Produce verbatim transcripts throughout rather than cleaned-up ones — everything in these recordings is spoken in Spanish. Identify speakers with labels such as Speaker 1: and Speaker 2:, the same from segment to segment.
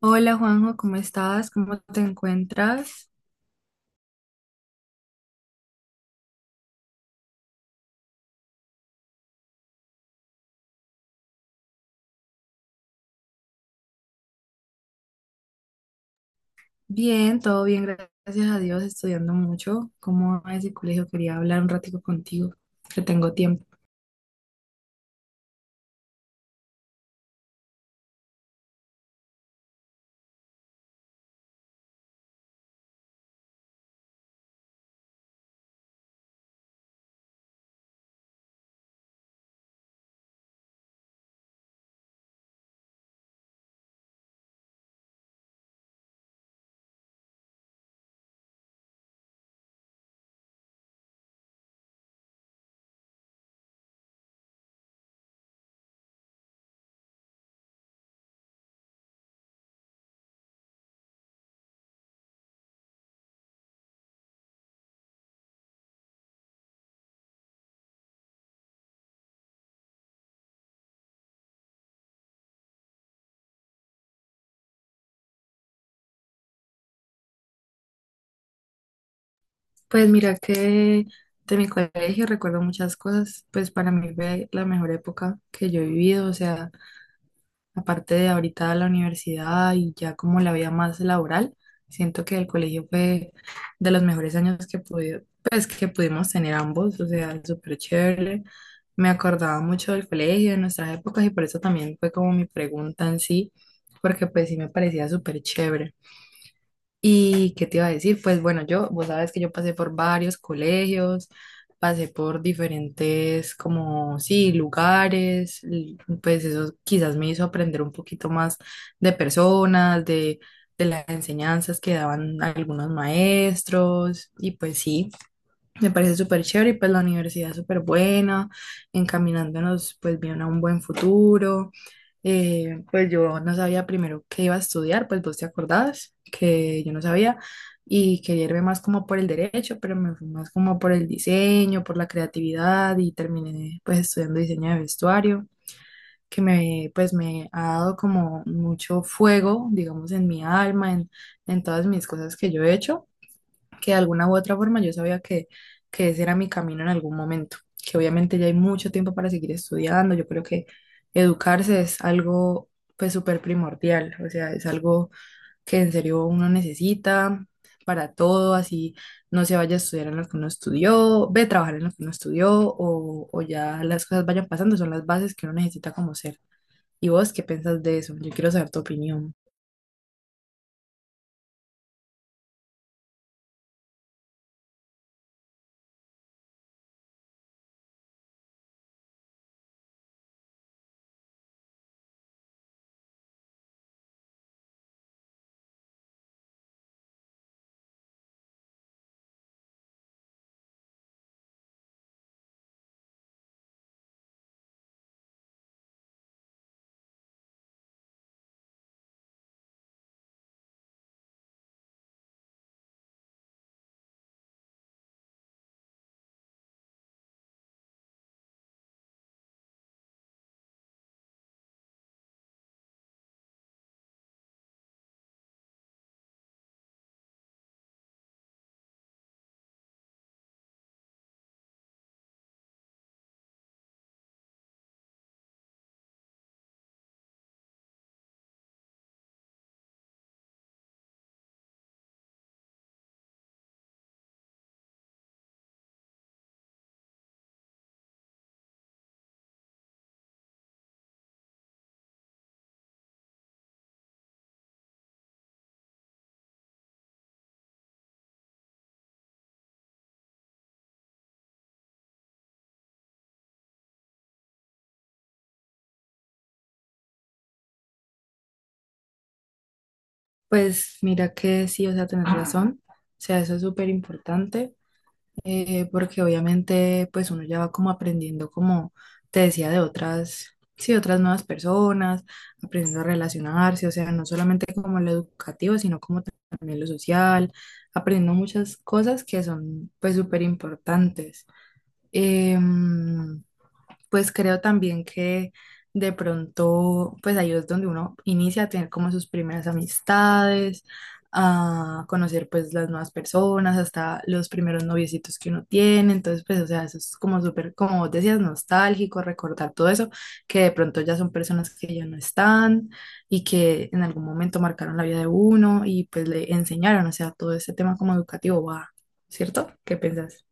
Speaker 1: Hola Juanjo, ¿cómo estás? ¿Cómo te encuentras? Bien, todo bien, gracias a Dios, estudiando mucho. ¿Cómo va ese colegio? Quería hablar un ratico contigo, que tengo tiempo. Pues mira que de mi colegio recuerdo muchas cosas. Pues para mí fue la mejor época que yo he vivido, o sea, aparte de ahorita la universidad y ya como la vida más laboral, siento que el colegio fue de los mejores años que pude, pues, que pudimos tener ambos, o sea, súper chévere. Me acordaba mucho del colegio, de nuestras épocas, y por eso también fue como mi pregunta en sí, porque pues sí me parecía súper chévere. ¿Y qué te iba a decir? Pues bueno, yo, vos sabes que yo pasé por varios colegios, pasé por diferentes como, sí, lugares, l- pues eso quizás me hizo aprender un poquito más de personas, de, de las enseñanzas que daban algunos maestros, y pues sí. Me parece súper chévere, y pues la universidad es súper buena, encaminándonos pues bien a un buen futuro. Eh, pues yo no sabía primero qué iba a estudiar, pues vos te acordabas que yo no sabía y quería irme más como por el derecho, pero me fui más como por el diseño, por la creatividad, y terminé pues estudiando diseño de vestuario, que me, pues me ha dado como mucho fuego, digamos, en mi alma, en, en todas mis cosas que yo he hecho, que de alguna u otra forma yo sabía que, que ese era mi camino en algún momento, que obviamente ya hay mucho tiempo para seguir estudiando. Yo creo que educarse es algo pues súper primordial, o sea, es algo que en serio uno necesita para todo, así no se vaya a estudiar en lo que uno estudió, ve a trabajar en lo que uno estudió, o, o ya las cosas vayan pasando, son las bases que uno necesita como ser. ¿Y vos qué piensas de eso? Yo quiero saber tu opinión. Pues mira que sí, o sea, tenés razón, o sea, eso es súper importante, eh, porque obviamente pues uno ya va como aprendiendo, como te decía, de otras, sí, otras nuevas personas, aprendiendo a relacionarse, o sea, no solamente como lo educativo, sino como también lo social, aprendiendo muchas cosas que son pues súper importantes. Pues creo también que de pronto, pues ahí es donde uno inicia a tener como sus primeras amistades, a conocer pues las nuevas personas, hasta los primeros noviecitos que uno tiene. Entonces, pues, o sea, eso es como súper, como vos decías, nostálgico, recordar todo eso, que de pronto ya son personas que ya no están y que en algún momento marcaron la vida de uno y pues le enseñaron, o sea, todo ese tema como educativo va, ¿cierto? ¿Qué piensas?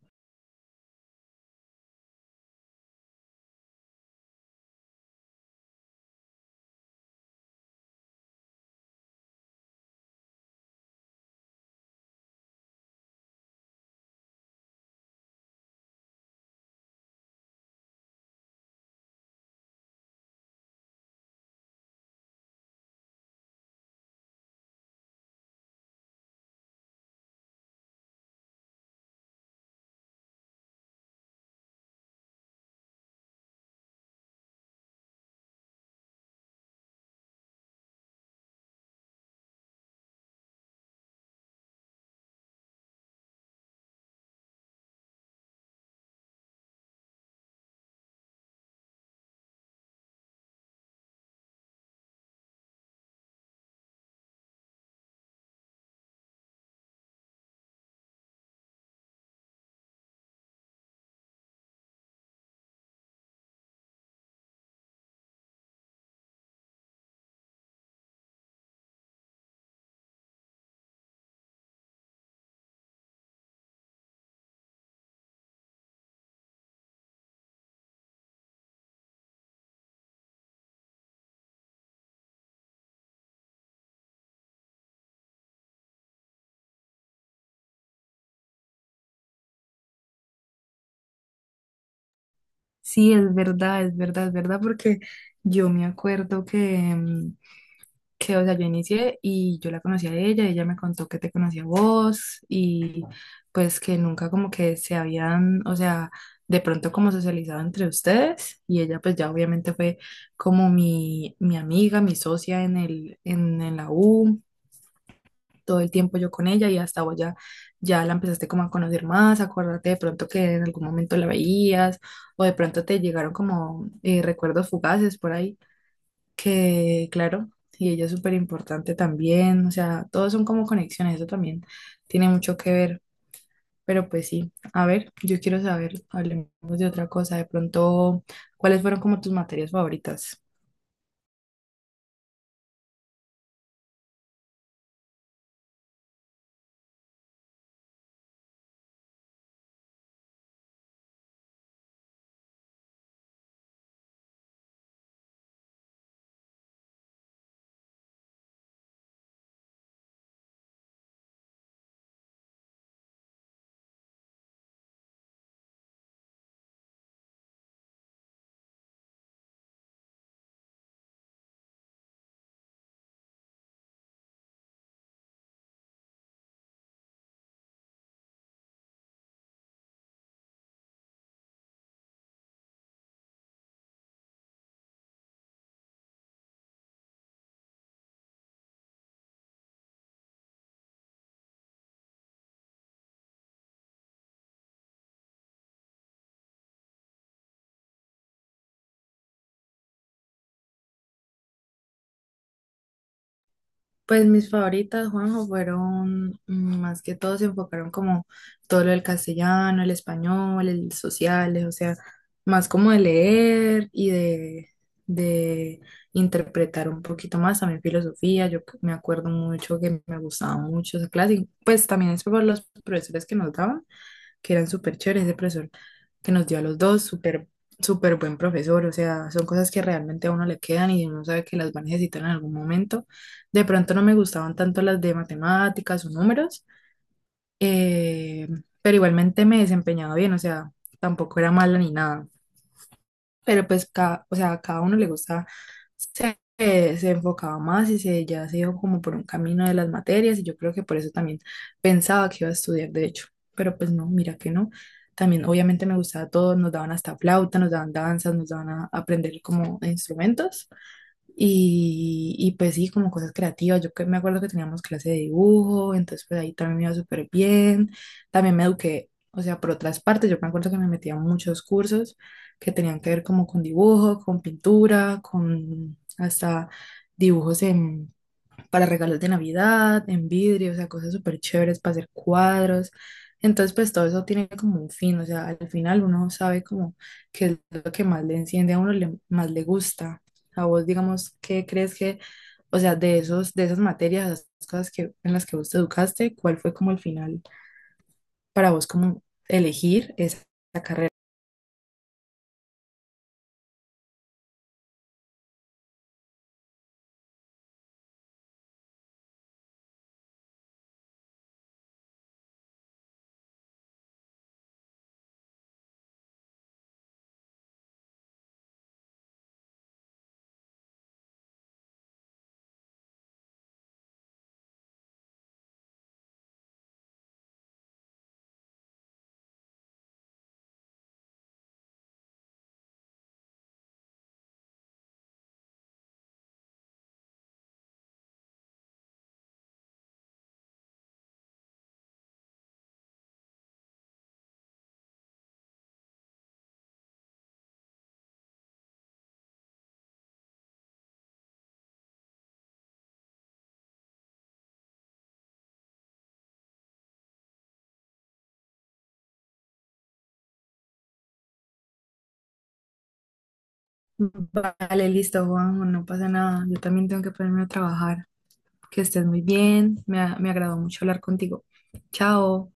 Speaker 1: Sí, es verdad, es verdad, es verdad, porque yo me acuerdo que, mm, que, o sea, yo inicié y yo la conocí a ella, ella me contó que te conocía a vos, y pues que nunca como que se habían, o sea, de pronto como socializado entre ustedes, y ella pues ya obviamente fue como mi, mi amiga, mi socia en el, en, en la U, todo el tiempo yo con ella, y hasta vos ya, ya la empezaste como a conocer más. Acuérdate de pronto que en algún momento la veías o de pronto te llegaron como eh, recuerdos fugaces por ahí, que claro, y ella es súper importante también, o sea, todos son como conexiones, eso también tiene mucho que ver. Pero pues sí, a ver, yo quiero saber, hablemos de otra cosa, de pronto, ¿cuáles fueron como tus materias favoritas? Pues mis favoritas, Juanjo, fueron, mm, más que todo se enfocaron como todo lo del castellano, el español, el sociales, o sea, más como de leer y de, de interpretar un poquito más, también filosofía. Yo me acuerdo mucho que me gustaba mucho esa clase, y pues también es por los profesores que nos daban, que eran súper chéveres, ese profesor que nos dio a los dos, súper, súper buen profesor, o sea, son cosas que realmente a uno le quedan y uno sabe que las va a necesitar en algún momento. De pronto no me gustaban tanto las de matemáticas o números, eh, pero igualmente me desempeñaba bien, o sea, tampoco era mala ni nada. Pero pues, cada, o sea, a cada uno le gusta, se, eh, se enfocaba más, y se, ya se iba como por un camino de las materias, y yo creo que por eso también pensaba que iba a estudiar derecho, pero pues no, mira que no. También obviamente me gustaba todo, nos daban hasta flauta, nos daban danzas, nos daban a aprender como instrumentos. Y, y pues sí, como cosas creativas. Yo que me acuerdo que teníamos clase de dibujo, entonces pues ahí también me iba súper bien. También me eduqué, o sea, por otras partes. Yo me acuerdo que me metía a muchos cursos que tenían que ver como con dibujo, con pintura, con hasta dibujos en, para regalos de Navidad, en vidrio, o sea, cosas súper chéveres para hacer cuadros. Entonces, pues todo eso tiene como un fin, o sea, al final uno sabe como qué es lo que más le enciende a uno, le, más le gusta. A vos, digamos, ¿qué crees que, o sea, de esos, de esas materias, esas cosas que, en las que vos te educaste, cuál fue como el final para vos como elegir esa? Vale, listo, Juanjo, no pasa nada. Yo también tengo que ponerme a trabajar. Que estés muy bien. Me, ha- me agradó mucho hablar contigo. Chao.